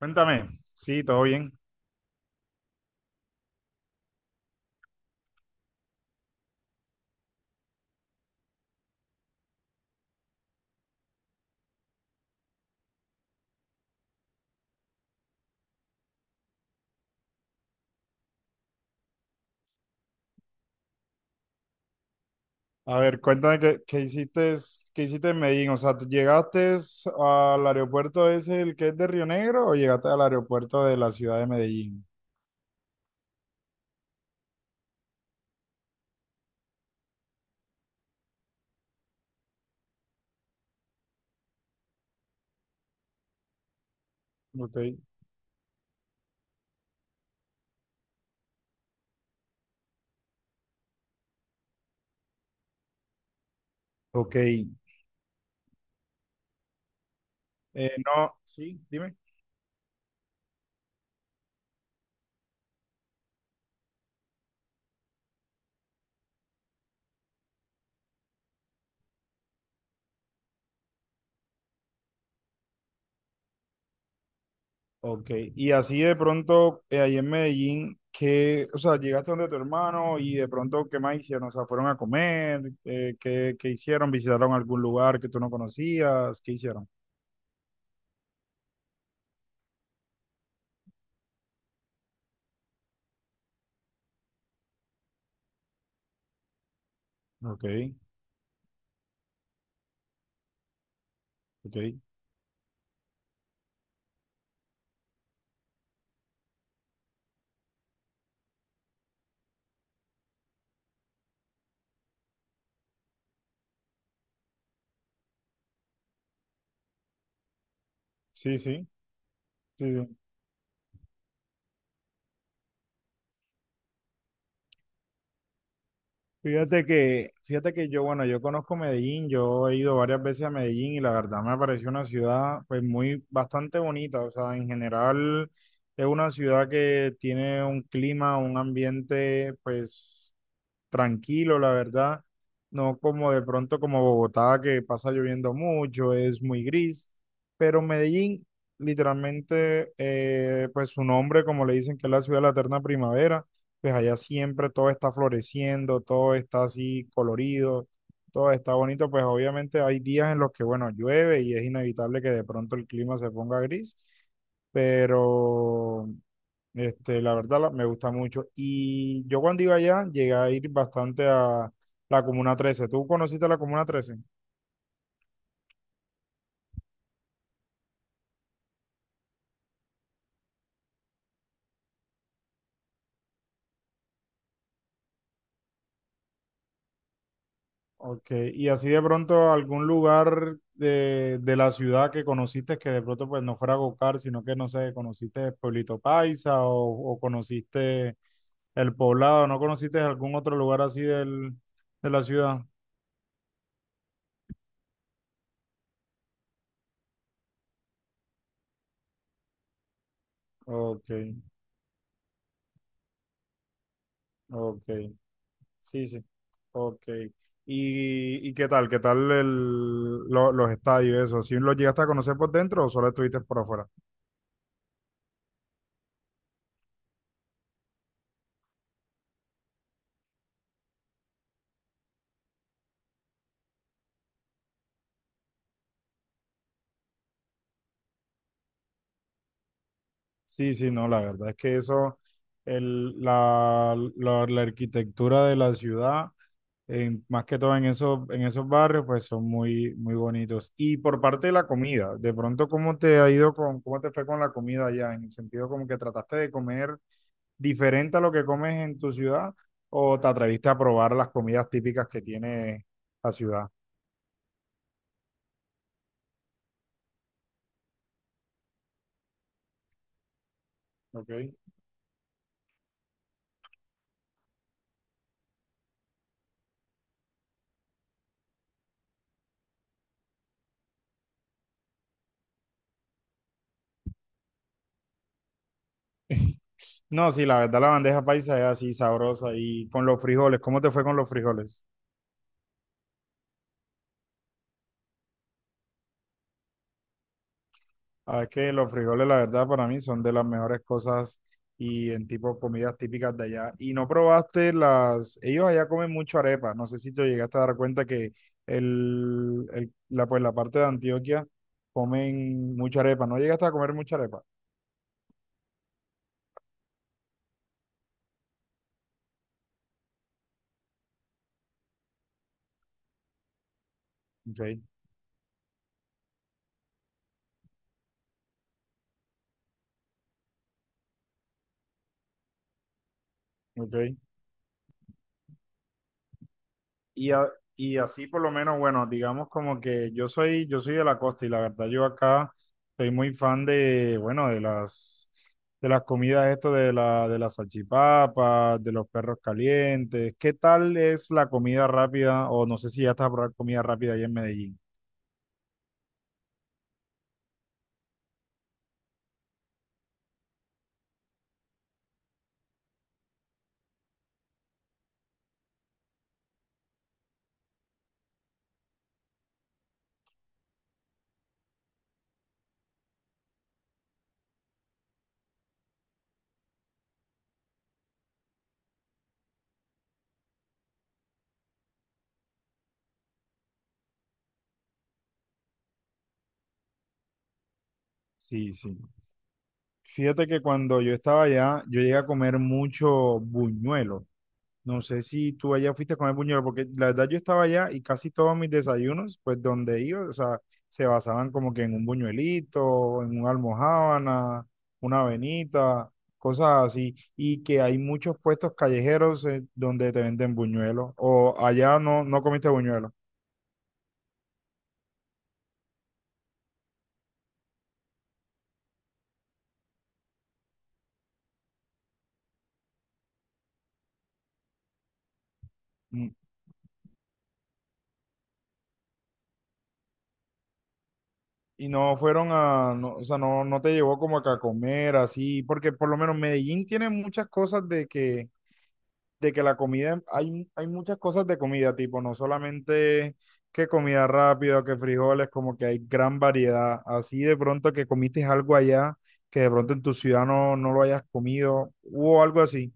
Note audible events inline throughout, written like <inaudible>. Cuéntame, sí, todo bien. A ver, cuéntame qué hiciste, qué hiciste en Medellín. O sea, ¿tú llegaste al aeropuerto ese, el que es de Río Negro, o llegaste al aeropuerto de la ciudad de Medellín? Ok, ok. No, sí, dime. Ok, y así de pronto, ahí en Medellín, qué, o sea, llegaste donde tu hermano y de pronto, ¿qué más hicieron? O sea, ¿fueron a comer? ¿Qué, qué hicieron? ¿Visitaron algún lugar que tú no conocías? ¿Qué hicieron? Ok, ok. Sí, sí, sí, sí. Fíjate que yo, bueno, yo conozco Medellín, yo he ido varias veces a Medellín y la verdad me pareció una ciudad pues muy bastante bonita. O sea, en general es una ciudad que tiene un clima, un ambiente pues tranquilo, la verdad. No como de pronto como Bogotá, que pasa lloviendo mucho, es muy gris. Pero Medellín, literalmente, pues su nombre, como le dicen, que es la ciudad de la eterna primavera, pues allá siempre todo está floreciendo, todo está así colorido, todo está bonito. Pues obviamente hay días en los que, bueno, llueve y es inevitable que de pronto el clima se ponga gris. Pero este, la verdad, me gusta mucho. Y yo cuando iba allá llegué a ir bastante a la Comuna 13. ¿Tú conociste la Comuna 13? Ok, y así de pronto algún lugar de la ciudad que conociste, que de pronto pues no fuera Gocar, sino que, no sé, conociste Pueblito Paisa o conociste El Poblado, ¿no conociste algún otro lugar así del, de la ciudad? Ok, ok. Sí, sí. Ok. Y qué tal? ¿Qué tal los estadios, eso? ¿Sí los llegaste a conocer por dentro o solo estuviste por afuera? Sí, sí, no, la verdad es que eso, la arquitectura de la ciudad, más que todo en esos barrios, pues son muy, muy bonitos. Y por parte de la comida, de pronto, ¿cómo te ha ido con, cómo te fue con la comida allá? En el sentido como que trataste de comer diferente a lo que comes en tu ciudad, o te atreviste a probar las comidas típicas que tiene la ciudad. Ok. <laughs> No, sí, la verdad la bandeja paisa es así sabrosa, y con los frijoles, ¿cómo te fue con los frijoles? Ah, es que los frijoles la verdad para mí son de las mejores cosas y en tipo comidas típicas de allá. Y no probaste las, ellos allá comen mucho arepa, no sé si te llegaste a dar cuenta que el- la, pues, la parte de Antioquia comen mucha arepa, ¿no llegaste a comer mucha arepa? Ok, ok. Y, a- y así por lo menos, bueno, digamos como que yo soy de la costa y la verdad yo acá soy muy fan de, bueno, de las comidas esto de la, de las salchipapas, de los perros calientes. ¿Qué tal es la comida rápida? O no sé si ya estás a probar comida rápida allá en Medellín. Sí, sí. Fíjate que cuando yo estaba allá, yo llegué a comer mucho buñuelo. No sé si tú allá fuiste a comer buñuelos, porque la verdad yo estaba allá y casi todos mis desayunos, pues donde iba, o sea, se basaban como que en un buñuelito, en una almojábana, una avenita, cosas así, y que hay muchos puestos callejeros donde te venden buñuelos, o allá no, no comiste buñuelos. Mm. Y no fueron a, no, o sea, no, no te llevó como que a comer así, porque por lo menos Medellín tiene muchas cosas de que la comida, hay muchas cosas de comida, tipo, no solamente que comida rápida, que frijoles, como que hay gran variedad. Así de pronto que comiste algo allá que de pronto en tu ciudad no, no lo hayas comido o algo así.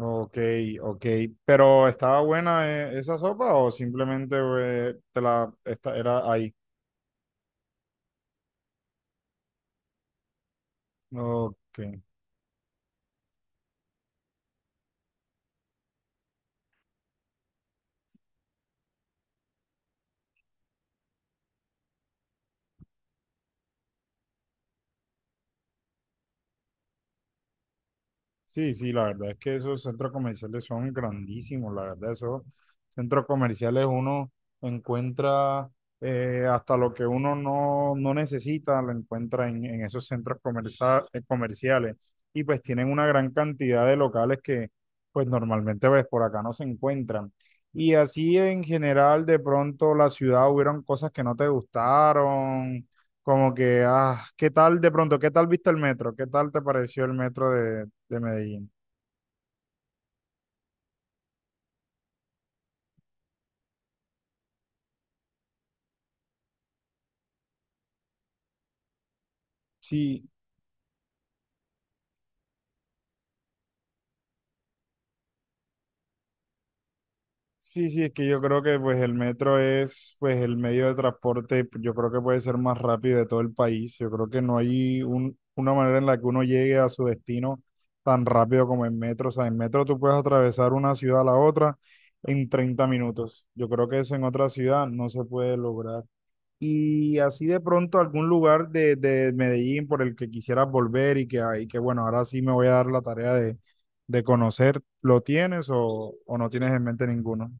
Ok, ok. Pero ¿estaba buena esa sopa o simplemente te la esta, era ahí? Ok. Sí, sí, la verdad es que esos centros comerciales son grandísimos, la verdad, esos centros comerciales uno encuentra hasta lo que uno no, no necesita, lo encuentra en esos comerciales, y pues tienen una gran cantidad de locales que pues normalmente pues por acá no se encuentran. Y así en general de pronto la ciudad hubieron cosas que no te gustaron como que, ah, ¿qué tal de pronto? ¿Qué tal viste el metro? ¿Qué tal te pareció el metro de Medellín? Sí. Sí, sí, es que yo creo que pues el metro es pues el medio de transporte, yo creo que puede ser más rápido de todo el país. Yo creo que no hay un, una manera en la que uno llegue a su destino tan rápido como en metro. O sea, en metro tú puedes atravesar una ciudad a la otra en 30 minutos. Yo creo que eso en otra ciudad no se puede lograr. Y así de pronto algún lugar de Medellín por el que quisieras volver y que bueno, ahora sí me voy a dar la tarea de conocer, ¿lo tienes o no tienes en mente ninguno?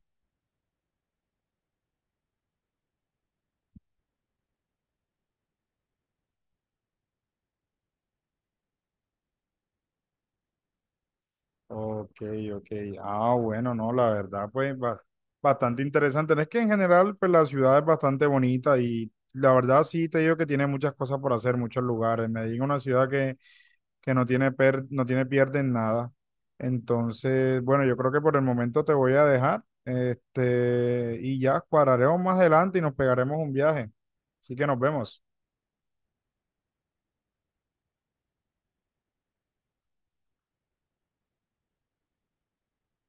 Ok, ok. Ah, bueno, no, la verdad, pues bastante interesante. Es que en general, pues la ciudad es bastante bonita y la verdad sí te digo que tiene muchas cosas por hacer, muchos lugares. Medellín es una ciudad que que no tiene pierde en nada. Entonces, bueno, yo creo que por el momento te voy a dejar, este, y ya cuadraremos más adelante y nos pegaremos un viaje. Así que nos vemos.